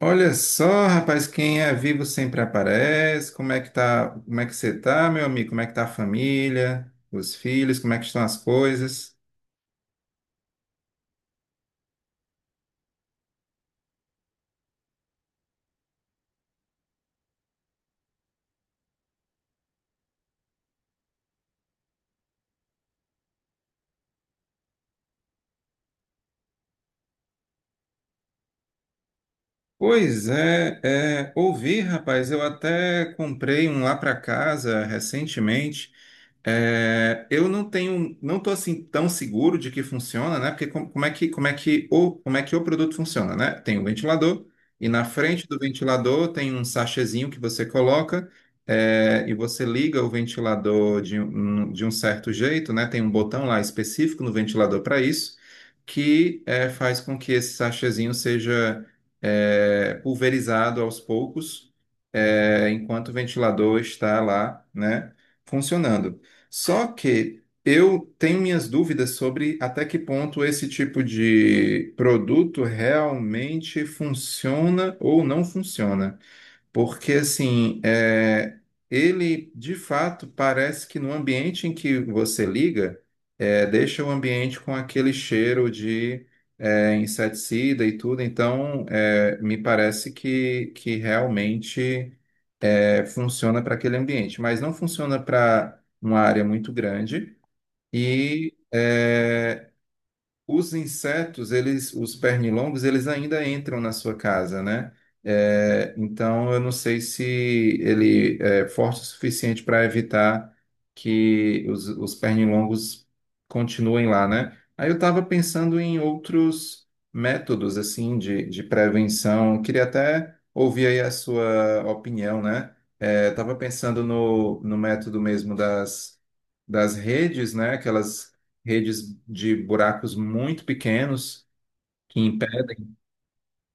Olha só, rapaz, quem é vivo sempre aparece. Como é que tá? Como é que você tá, meu amigo? Como é que tá a família, os filhos? Como é que estão as coisas? Pois é, ouvi, rapaz, eu até comprei um lá para casa recentemente. É, eu não tenho, não tô assim tão seguro de que funciona, né? Porque com- como é que o, como é que o produto funciona, né? Tem um ventilador e na frente do ventilador tem um sachêzinho que você coloca e você liga o ventilador de um certo jeito, né? Tem um botão lá específico no ventilador para isso que é, faz com que esse sachêzinho seja pulverizado aos poucos, enquanto o ventilador está lá, né, funcionando. Só que eu tenho minhas dúvidas sobre até que ponto esse tipo de produto realmente funciona ou não funciona. Porque, assim, ele de fato parece que no ambiente em que você liga, deixa o ambiente com aquele cheiro de inseticida e tudo. Então, é, me parece que realmente funciona para aquele ambiente, mas não funciona para uma área muito grande. E. é, os insetos, eles, os pernilongos, eles ainda entram na sua casa, né? É, então, eu não sei se ele é forte o suficiente para evitar que os pernilongos continuem lá, né? Aí eu estava pensando em outros métodos, assim, de prevenção. Eu queria até ouvir aí a sua opinião, né? É, estava pensando no método mesmo das redes, né? Aquelas redes de buracos muito pequenos que impedem,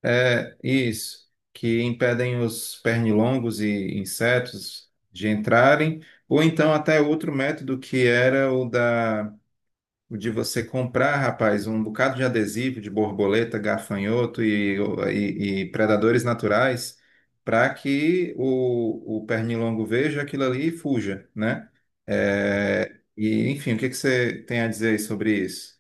é isso, que impedem os pernilongos e insetos de entrarem, ou então até outro método que era o de você comprar, rapaz, um bocado de adesivo de borboleta, gafanhoto e predadores naturais para que o pernilongo veja aquilo ali e fuja, né? É, e enfim, o que que você tem a dizer aí sobre isso?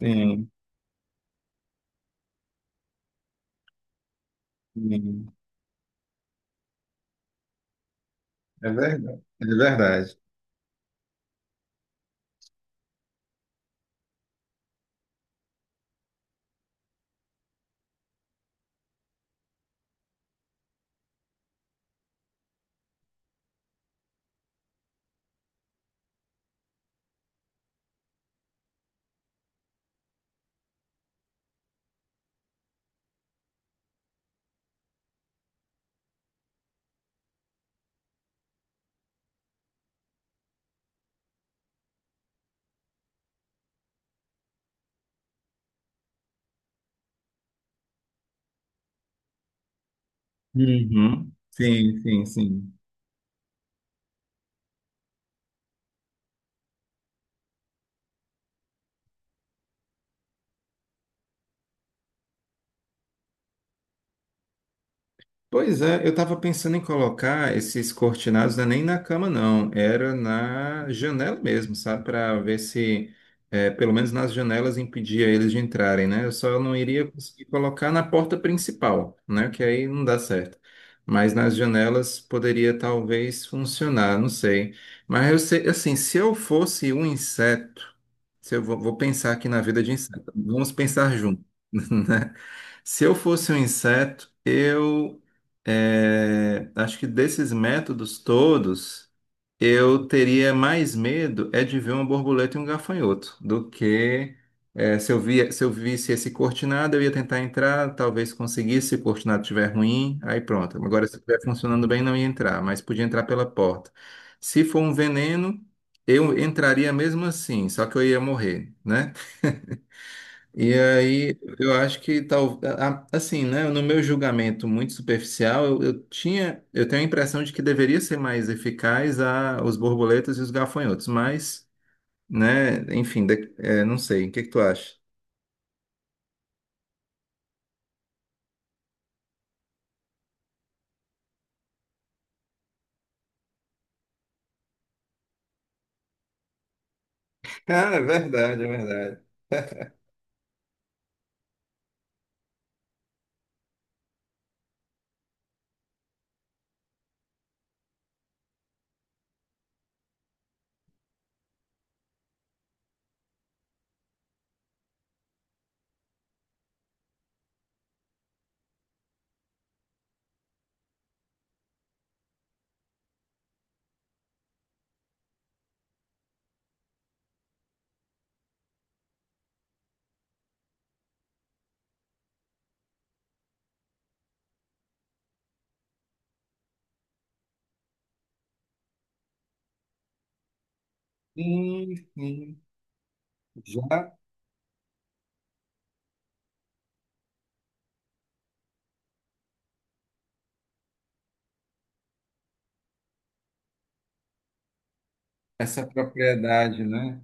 Sim, sim. É verdade. É verdade. Uhum. Sim, sim, sim. Pois é, eu estava pensando em colocar esses cortinados, não é nem na cama, não. Era na janela mesmo, sabe? Para ver se, pelo menos nas janelas, impedia eles de entrarem, né? Eu só não iria conseguir colocar na porta principal, né? Que aí não dá certo. Mas nas janelas poderia talvez funcionar, não sei. Mas eu sei, assim, se eu fosse um inseto, se eu vou pensar aqui na vida de inseto, vamos pensar junto. Se eu fosse um inseto, acho que desses métodos todos, eu teria mais medo é de ver uma borboleta e um gafanhoto do que se eu visse esse cortinado, eu ia tentar entrar, talvez conseguisse, se o cortinado estiver ruim, aí pronto. Agora, se estiver funcionando bem, não ia entrar, mas podia entrar pela porta. Se for um veneno, eu entraria mesmo assim, só que eu ia morrer, né? E aí, eu acho que tal, assim, né, no meu julgamento muito superficial, eu tinha, eu tenho a impressão de que deveria ser mais eficaz a os borboletas e os gafanhotos, mas, né, enfim, não sei, o que que tu acha? Ah, é verdade, é verdade. Sim, sim. Já essa propriedade, né?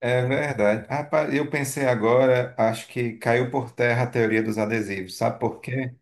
É verdade. Rapaz, eu pensei agora, acho que caiu por terra a teoria dos adesivos. Sabe por quê?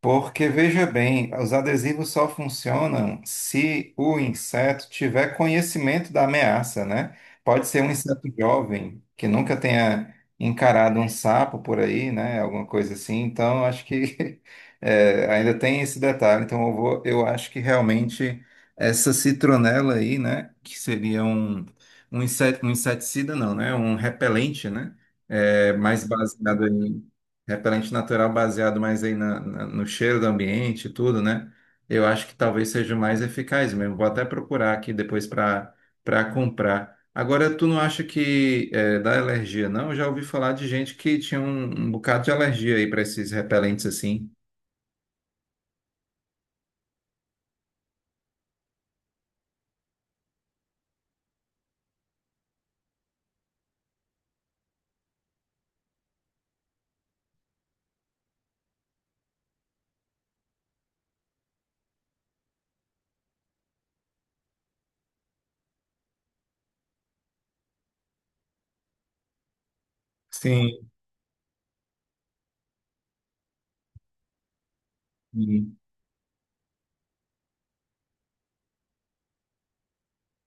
Porque veja bem, os adesivos só funcionam se o inseto tiver conhecimento da ameaça, né? Pode ser um inseto jovem que nunca tenha encarado um sapo por aí, né? Alguma coisa assim. Então, acho que é, ainda tem esse detalhe. Então, eu vou, eu acho que realmente essa citronela aí, né? Que seria um, um inseto, um inseticida, não, né? Um repelente, né? É, mais baseado em repelente natural baseado mais aí no cheiro do ambiente e tudo, né? Eu acho que talvez seja o mais eficaz mesmo. Vou até procurar aqui depois para comprar. Agora, tu não acha que é, dá alergia, não? Eu já ouvi falar de gente que tinha um bocado de alergia aí para esses repelentes assim. Sim.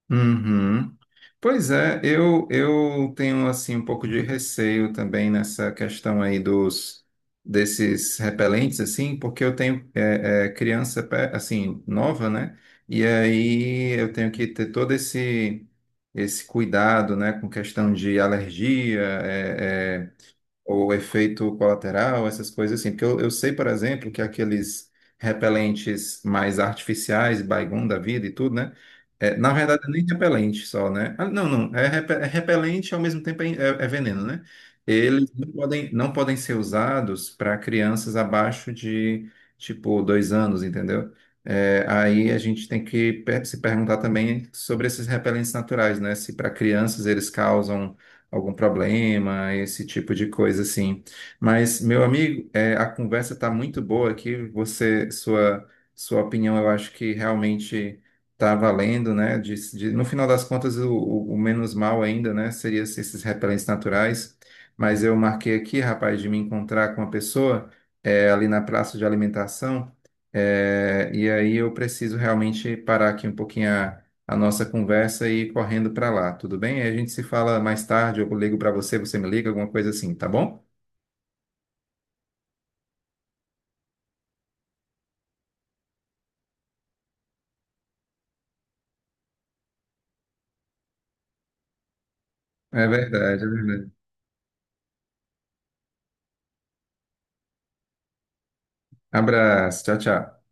Uhum. Pois é, eu tenho assim um pouco de receio também nessa questão aí dos desses repelentes assim, porque eu tenho criança assim nova, né? E aí eu tenho que ter todo esse esse cuidado, né, com questão de alergia, ou efeito colateral, essas coisas assim. Porque eu sei, por exemplo, que aqueles repelentes mais artificiais, Baygon da vida e tudo, né? É, na verdade, nem repelente só, né? Ah, não, não. É, repelente ao mesmo tempo é veneno, né? Eles não podem, não podem ser usados para crianças abaixo de, tipo, 2 anos, entendeu? É, aí a gente tem que se perguntar também sobre esses repelentes naturais, né? Se para crianças eles causam algum problema, esse tipo de coisa assim. Mas, meu amigo, é, a conversa está muito boa aqui. Sua opinião, eu acho que realmente está valendo, né? No final das contas, o menos mal ainda, né? Seria se esses repelentes naturais. Mas eu marquei aqui, rapaz, de me encontrar com uma pessoa é, ali na praça de alimentação. É, e aí eu preciso realmente parar aqui um pouquinho a nossa conversa e ir correndo para lá, tudo bem? Aí a gente se fala mais tarde, eu ligo para você, você me liga, alguma coisa assim, tá bom? É verdade, é verdade. Abraço, tchau, tchau.